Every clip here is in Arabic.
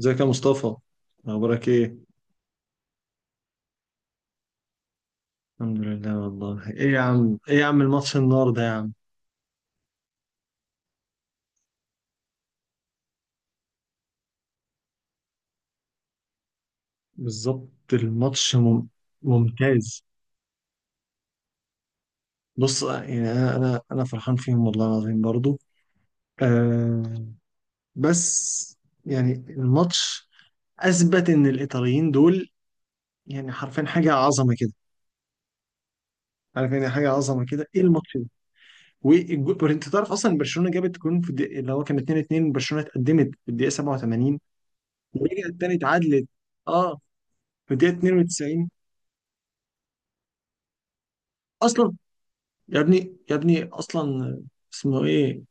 ازيك يا مصطفى؟ اخبارك ايه؟ الحمد لله والله. ايه يا عم، ايه يا عم الماتش النهارده يا عم. بالظبط الماتش ممتاز. بص يعني انا فرحان فيهم والله العظيم برضو. آه بس يعني الماتش اثبت ان الايطاليين دول يعني حرفيا حاجه عظمه كده، عارف يعني حاجه عظمه كده ايه الماتش ده. انت تعرف اصلا برشلونه جابت جون في الدقيقه اللي هو كان 2-2، برشلونه اتقدمت في الدقيقه 87 ورجعت تاني اتعادلت، اه في الدقيقه 92. اصلا يا ابني يا ابني اصلا اسمه ايه،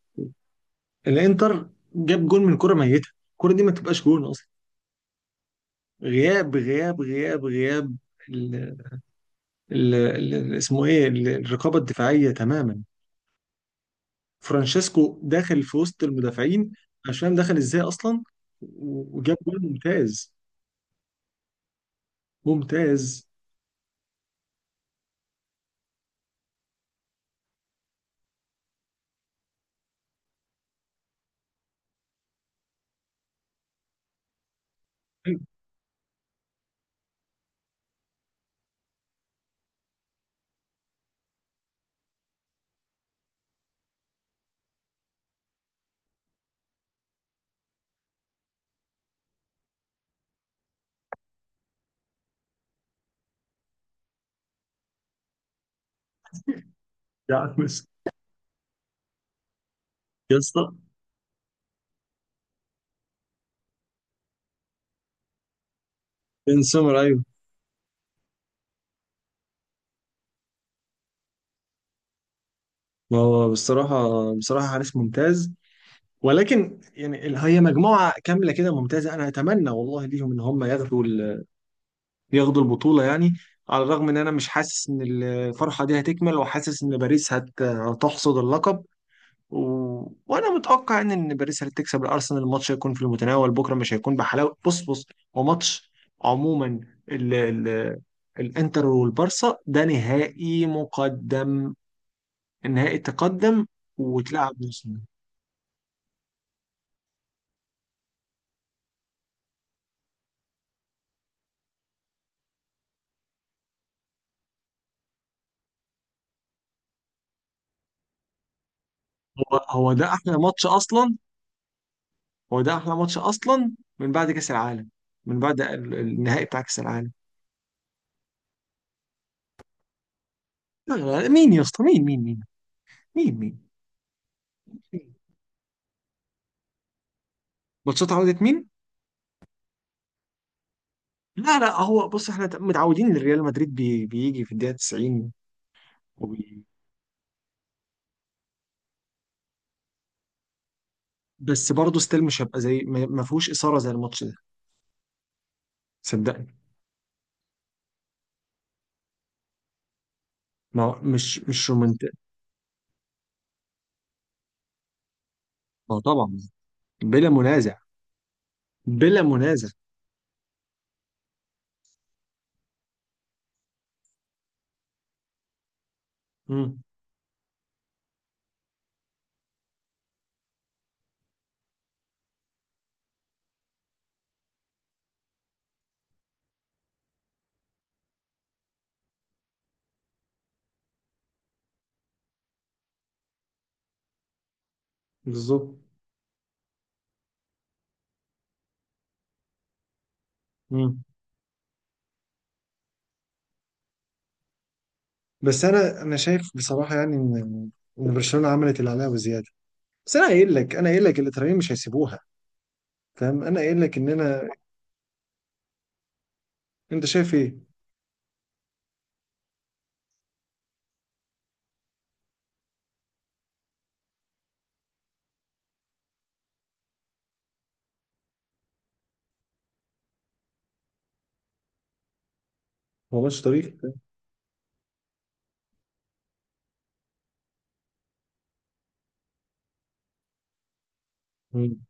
الانتر، جاب جون من كرة ميتة، الكرة دي ما تبقاش جون اصلا. غياب غياب غياب غياب ال اسمه ايه الرقابة الدفاعية تماما. فرانشيسكو داخل في وسط المدافعين، مش فاهم دخل ازاي اصلا. وجاب جون. ممتاز ممتاز. أيوة. يا عم يا اسطى بن سمر، ايوه ما هو بصراحة، بصراحة حارس ممتاز، ولكن يعني هي مجموعة كاملة كده ممتازة. أنا أتمنى والله ليهم إن هم ياخدوا ياخدوا البطولة يعني، على الرغم إن أنا مش حاسس إن الفرحة دي هتكمل، وحاسس إن باريس هتحصد اللقب. و... وأنا متوقع إن باريس هتكسب الأرسنال، الماتش هيكون في المتناول بكرة، مش هيكون بحلاوة. بص بص، هو ماتش عموما، ال... ال... الإنتر والبارسا ده نهائي مقدم، النهائي تقدم وتلعب نص نهائي. هو هو ده أحلى ماتش أصلا، هو ده احلى ماتش اصلا من بعد كاس العالم، من بعد النهائي بتاع كاس العالم. لا لا لا، مين يا اسطى؟ مين مين مين؟ مين مين مين؟ ماتشات عودة مين؟ لا لا، هو بص احنا متعودين ان ريال مدريد بيجي في الدقيقة 90. وبي... بس برضه ستيل مش هبقى زي ما فيهوش إثارة زي الماتش ده، صدقني. ما هو مش مش رومانتيك. ما هو طبعا، بلا منازع، بلا منازع. امم. بالظبط. امم. بس انا شايف بصراحة يعني ان ان برشلونة عملت اللي عليها وزيادة. بس انا قايل لك، انا قايل لك الاتراكين مش هيسيبوها، فاهم؟ انا قايل لك ان انا، انت شايف ايه؟ هو ماتش طريق. مم.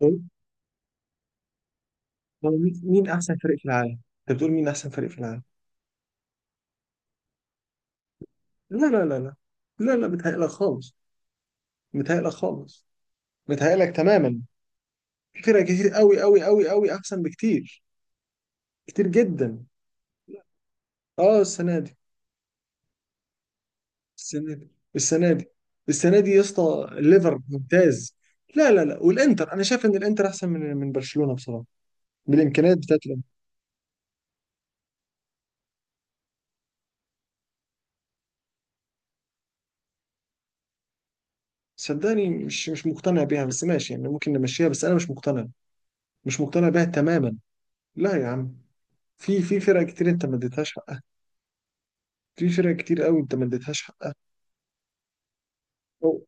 طيب، هو مين مين احسن فريق في العالم؟ انت بتقول مين احسن فريق في العالم؟ لا لا لا لا، لا لا بتهيألك خالص، بتهيألك خالص، بتهيألك تماما. في فرق كتير قوي قوي قوي قوي احسن بكتير، كتير جدا. اه السنه دي، السنه دي، السنه دي، السنه دي يا اسطى الليفر ممتاز. لا لا لا، والانتر انا شايف ان الانتر احسن من من برشلونه بصراحه، بالامكانيات بتاعت. صدقني مش مش مقتنع بيها، بس ماشي يعني ممكن نمشيها، بس انا مش مقتنع، مش مقتنع بيها تماما. لا يا عم، في في فرق كتير انت ما اديتهاش حقها، في فرق كتير قوي انت ما اديتهاش حقها. أو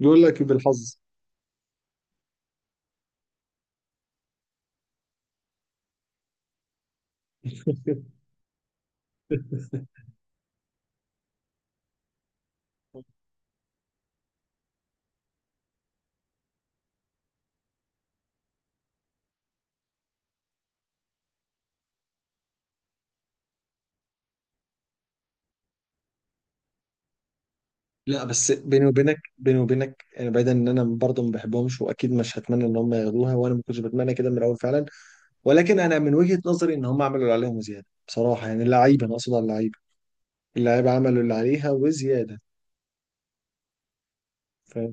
يقول لك بالحظ. لا بس بيني وبينك، بيني وبينك يعني، بعيدا ان انا برضه ما بحبهمش واكيد مش هتمنى ان هم ياخدوها، وانا ما كنتش بتمنى كده من الاول فعلا. ولكن انا من وجهة نظري ان هم عملوا اللي عليهم وزياده بصراحه، يعني اللعيبه، انا اقصد على اللعيبه، اللعيبه عملوا اللي عليها وزياده، فاهم؟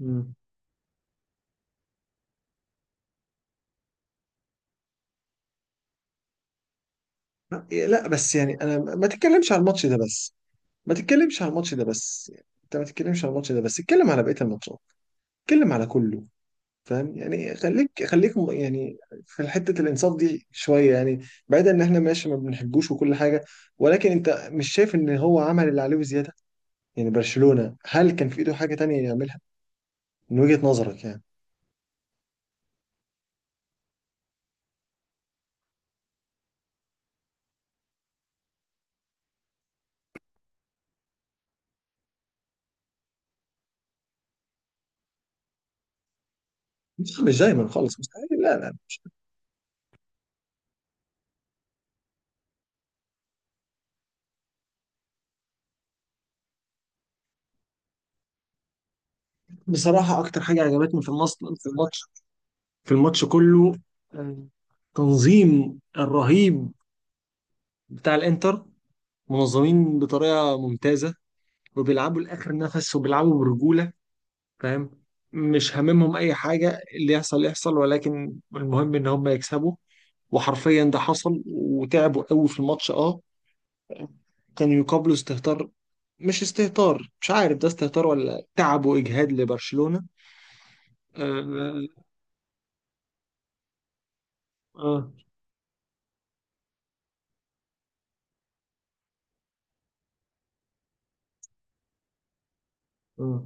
امم. لا بس يعني انا ما تتكلمش على الماتش ده بس، ما تتكلمش على الماتش ده بس، يعني انت ما تتكلمش على الماتش ده بس، اتكلم على بقية الماتشات، اتكلم على كله، فاهم يعني؟ خليك خليك يعني في حتة الانصاف دي شوية يعني، بعيدا ان احنا ماشي ما بنحبوش وكل حاجة، ولكن انت مش شايف ان هو عمل اللي عليه وزيادة؟ يعني برشلونة هل كان في ايده حاجة تانية يعملها، من وجهة نظرك يعني؟ لا، مش دايما خالص، مستحيل لا لا مش. بصراحة أكتر حاجة عجبتني في الماتش، في الماتش، في الماتش كله، آه، تنظيم الرهيب بتاع الانتر، منظمين بطريقه ممتازه، وبيلعبوا لاخر نفس وبيلعبوا برجوله، فاهم؟ مش هاممهم اي حاجه، اللي يحصل يحصل، ولكن المهم ان هم يكسبوا، وحرفيا ده حصل، وتعبوا قوي في الماتش. اه كانوا يقابلوا استهتار، مش استهتار، مش عارف ده استهتار ولا تعب واجهاد لبرشلونه. اه اه اه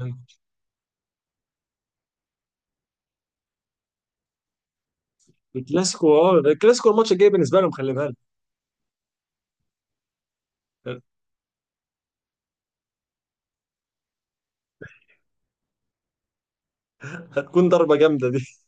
آه. الكلاسيكو، اه الكلاسيكو الماتش الجاي بالنسبه لهم خلي بالك، هتكون ضربة جامدة دي.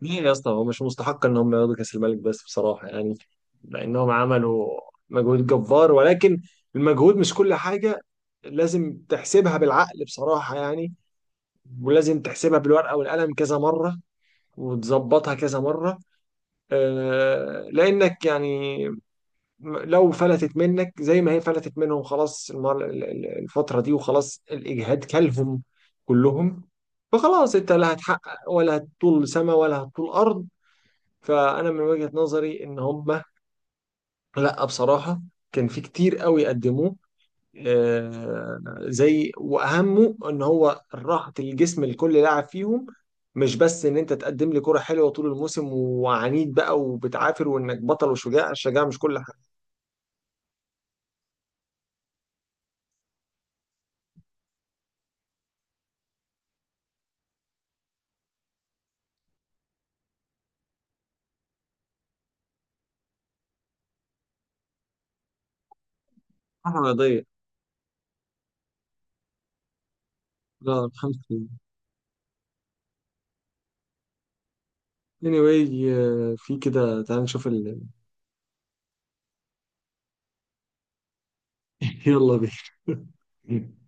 ليه يا اسطى هو مش مستحق ان هم ياخدوا كأس الملك؟ بس بصراحة يعني لانهم عملوا مجهود جبار، ولكن المجهود مش كل حاجة، لازم تحسبها بالعقل بصراحة يعني، ولازم تحسبها بالورقة والقلم كذا مرة، وتظبطها كذا مرة. آه، لأنك يعني لو فلتت منك زي ما هي فلتت منهم، خلاص الفترة دي، وخلاص الإجهاد كلهم كلهم، فخلاص أنت لا هتحقق ولا هتطول سما ولا هتطول أرض. فانا من وجهة نظري ان هم، لا بصراحة، كان في كتير قوي قدموه، آه، زي واهمه ان هو راحة الجسم لكل لاعب فيهم. مش بس ان انت تقدم لي كرة حلوة طول الموسم وعنيد بقى وبتعافر وانك بطل وشجاع، الشجاعة مش كل حاجة، حاجة رياضية. لا الحمد لله. anyway آه، في كده تعال نشوف يلا بينا.